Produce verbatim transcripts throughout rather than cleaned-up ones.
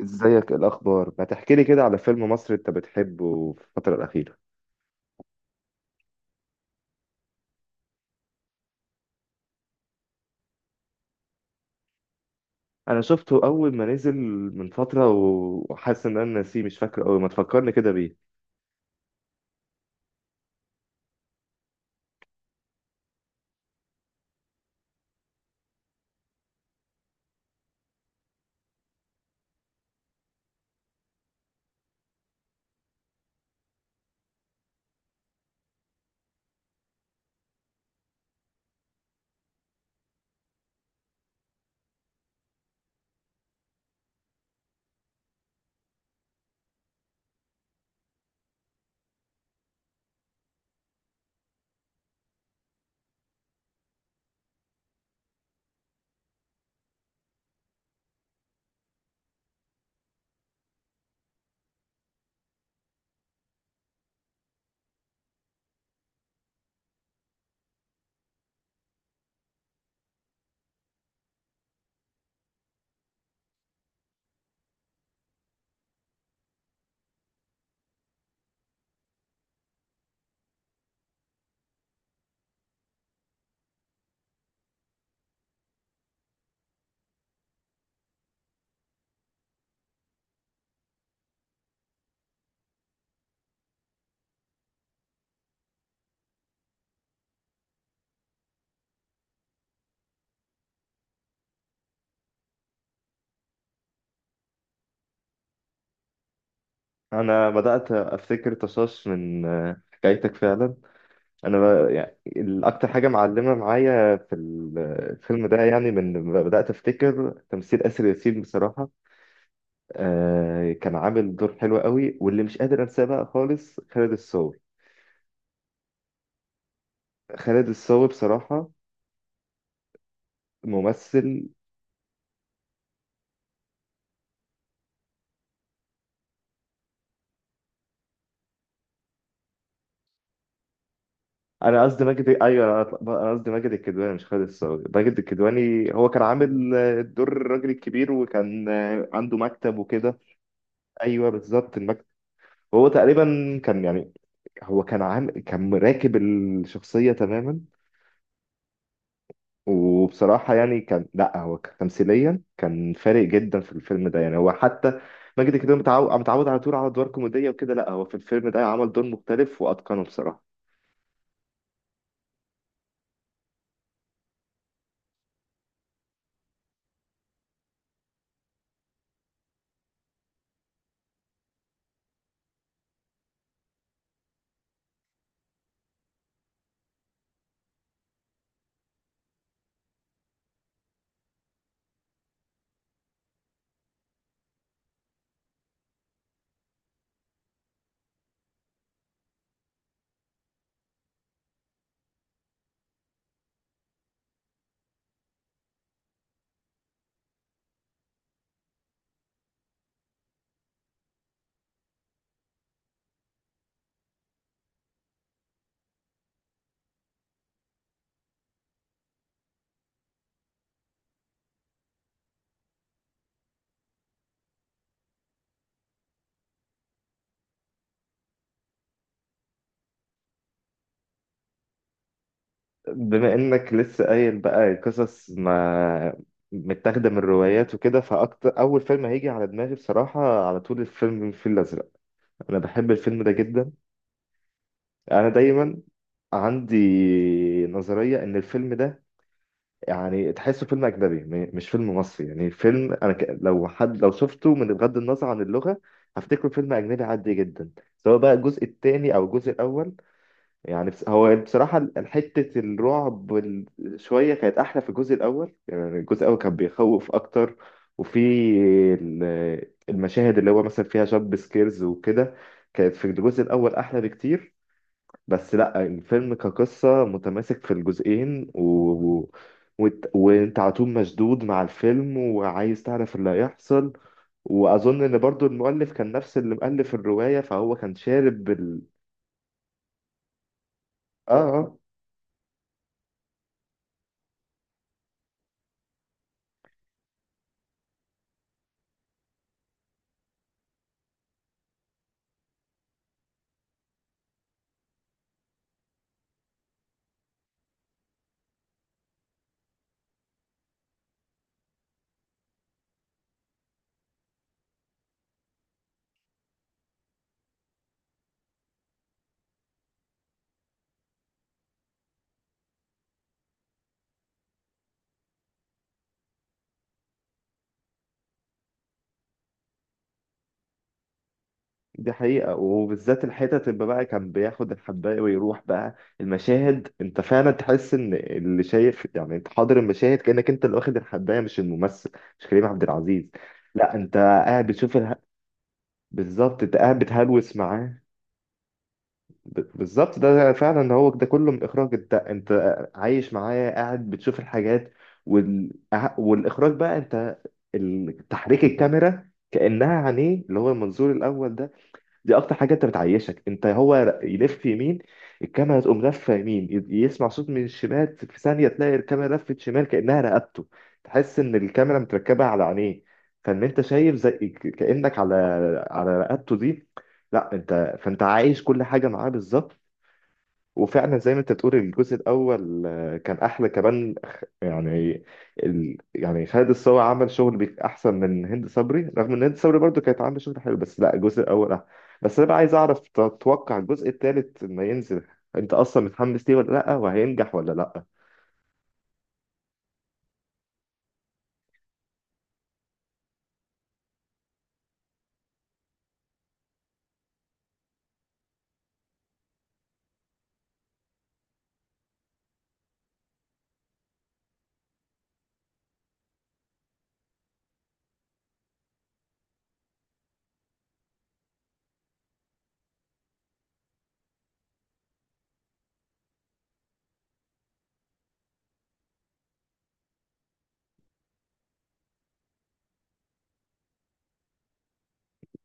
ازيك؟ إيه الاخبار؟ ما تحكي لي كده على فيلم مصري انت بتحبه في الفتره الاخيره. انا شفته اول ما نزل من فتره و- وحاسس ان انا ناسيه، مش فاكر قوي. ما تفكرني كده بيه. انا بدات افتكر طشاش من آه، حكايتك فعلا. انا ب- يعني الاكتر حاجه معلمه معايا في ال- الفيلم ده يعني من لما بدات افتكر تمثيل اسر ياسين بصراحه. آه، كان عامل دور حلو قوي. واللي مش قادر انساه بقى خالص خالد الصاوي. خالد الصاوي بصراحه ممثل. انا قصدي ماجد، ايوه، انا أطلع- انا قصدي ماجد الكدواني مش خالد الصاوي. ماجد الكدواني هو كان عامل آه، دور الراجل الكبير، وكان آه، عنده مكتب وكده. ايوه بالظبط المكتب. هو تقريبا كان يعني هو كان عامل، كان راكب الشخصيه تماما. وبصراحه يعني كان، لا هو ك- تمثيليا كان فارق جدا في الفيلم ده، يعني هو حتى ماجد الكدواني متعود متعود على طول على ادوار كوميديه وكده. لا هو في الفيلم ده عمل دور مختلف واتقنه بصراحه. بما انك لسه قايل بقى قصص ما متاخده من روايات وكده، فاكتر اول فيلم هيجي على دماغي بصراحه على طول الفيلم، الفيل الازرق. انا بحب الفيلم ده جدا. انا دايما عندي نظريه ان الفيلم ده يعني تحسه فيلم اجنبي، م- مش فيلم مصري. يعني فيلم انا ك... لو حد، لو شفته من بغض النظر عن اللغه هفتكره فيلم اجنبي عادي جدا، سواء بقى الجزء الثاني او الجزء الاول. يعني بس هو بصراحة حتة الرعب وال- شوية كانت أحلى في الجزء الأول. يعني الجزء الأول كان بيخوف أكتر. وفي ال- المشاهد اللي هو مثلا فيها جامب سكيرز وكده، كانت في الجزء الأول أحلى بكتير. بس لأ، الفيلم كقصة متماسك في الجزئين و... و... وت- وأنت على طول مشدود مع الفيلم وعايز تعرف اللي هيحصل. وأظن إن برضو المؤلف كان نفس اللي مؤلف الرواية، فهو كان شارب بال... آه آه. دي حقيقة. وبالذات الحتت اللي بقى كان بياخد الحباية ويروح بقى، المشاهد، انت فعلا تحس ان اللي شايف، يعني انت حاضر المشاهد كأنك انت اللي واخد الحباية مش الممثل، مش كريم عبد العزيز. لا انت قاعد بتشوف اله... بالظبط. انت قاعد بتهلوس معاه. ب... بالظبط، ده فعلا هو ده كله من اخراج. انت انت عايش معاه، قاعد بتشوف الحاجات وال... أه، والاخراج بقى، انت ال- تحريك الكاميرا كأنها عينيه، اللي هو المنظور الأول ده، دي اكتر حاجه انت بتعيشك انت. هو يلف يمين، الكاميرا تقوم لفه يمين. ي- يسمع صوت من الشمال، في ثانيه تلاقي الكاميرا لفت شمال كانها رقبته. تحس ان الكاميرا متركبه على عينيه، فان انت شايف زي ك- كانك على على رقبته دي. لا انت، فانت عايش كل حاجه معاه بالظبط. وفعلا زي ما انت بتقول الجزء الاول آه، كان احلى كمان. خ- يعني ال... يعني خالد الصاوي عمل شغل بيك- احسن من هند صبري، رغم ان هند صبري برضو كانت عامله شغل حلو. بس لا، الجزء الاول احلى. بس انا بقى عايز اعرف، تتوقع الجزء الثالث لما ينزل، انت اصلا متحمس ليه ولا لا؟ وهينجح ولا لا؟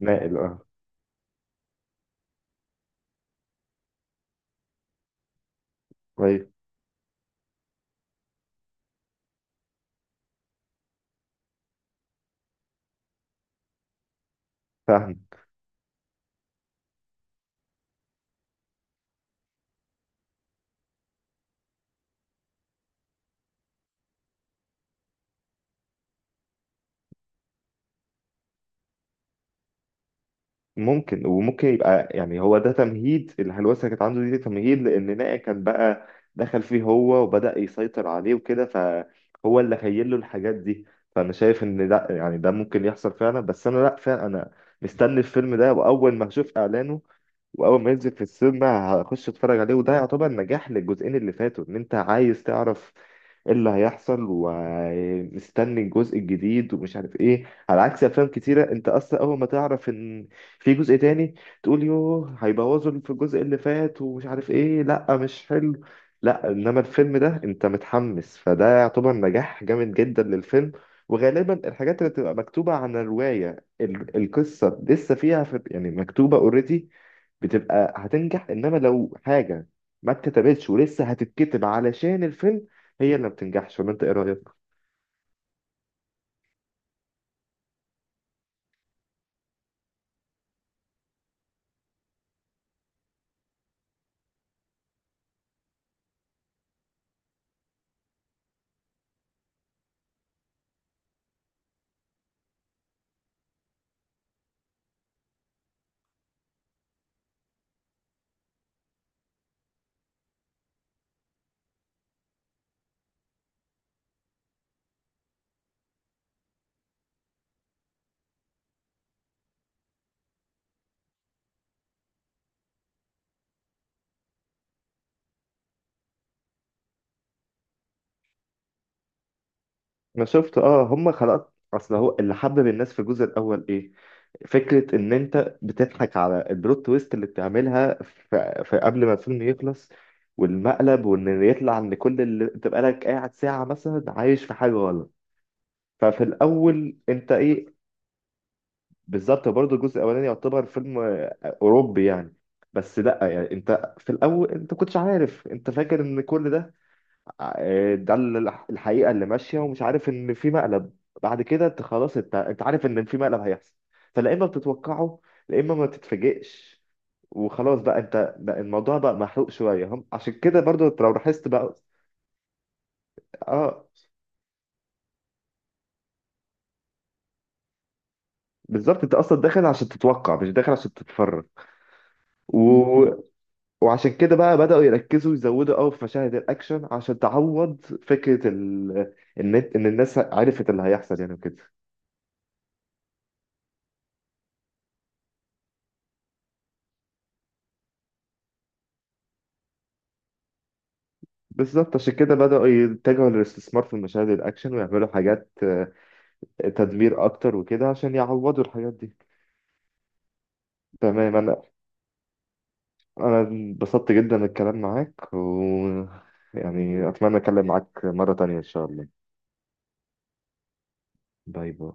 ناقل، اه. طيب. فاهمك. ممكن، وممكن يبقى يعني هو ده تمهيد الهلوسه اللي كانت عنده دي، تمهيد لان نائع كان بقى دخل فيه هو وبدأ يسيطر عليه وكده، فهو اللي خيل له الحاجات دي. فانا شايف ان لا، يعني ده ممكن يحصل فعلا. بس انا لا فعلا، انا مستني الفيلم ده، واول ما اشوف اعلانه واول ما ينزل في السينما هخش اتفرج عليه. وده يعتبر نجاح للجزئين اللي فاتوا، ان انت عايز تعرف ايه اللي هيحصل ومستني الجزء الجديد ومش عارف ايه. على عكس افلام كتيره انت اصلا اول ما تعرف ان في جزء تاني تقول يوه، هيبوظوا اللي في الجزء اللي فات ومش عارف ايه، لا مش حلو. لا انما الفيلم ده انت متحمس، فده يعتبر نجاح جامد جدا للفيلم. وغالبا الحاجات اللي بتبقى مكتوبة عن الرواية ال- القصة لسه فيها، في يعني مكتوبة اوريدي، بتبقى هتنجح. انما لو حاجه ما اتكتبتش ولسه هتتكتب علشان الفيلم، هي اللي ما بتنجحش. ولا انت ايه رايك؟ انا شفت، اه. هم خلقت، اصل هو اللي حبب الناس في الجزء الاول ايه؟ فكره ان انت بتضحك على البلوت تويست اللي بتعملها في, في قبل ما الفيلم يخلص، والمقلب، وان يطلع ان كل اللي تبقى لك قاعد ساعه مثلا عايش في حاجه غلط. ففي الاول انت ايه، بالظبط برضه. الجزء الاولاني يعتبر فيلم اوروبي يعني. بس لا، يعني انت في الاول انت كنتش عارف، انت فاكر ان كل ده آه، ده ال- الحقيقه اللي ماشيه، ومش عارف ان في مقلب. بعد كده انت خلاص، انت انت عارف ان في مقلب هيحصل، فلا اما بتتوقعه لا اما ما تتفاجئش. وخلاص بقى، انت بقى الموضوع بقى محروق شويه. هم عشان كده برضو، انت لو لاحظت بقى، اه، بالظبط. انت اصلا داخل عشان تتوقع مش داخل عشان تتفرج. و... وعشان كده بقى بدأوا يركزوا يزودوا قوي في مشاهد الأكشن عشان تعوض فكرة ال... إن إن الناس عرفت اللي هيحصل يعني وكده. بالظبط، عشان كده بدأوا يتجهوا للاستثمار في مشاهد الأكشن ويعملوا حاجات آه، تدمير أكتر وكده عشان يعوضوا الحاجات دي. تمام. أنا أنا انبسطت جدا من الكلام معاك، و يعني أتمنى أتكلم معاك مرة تانية إن شاء الله. باي باي.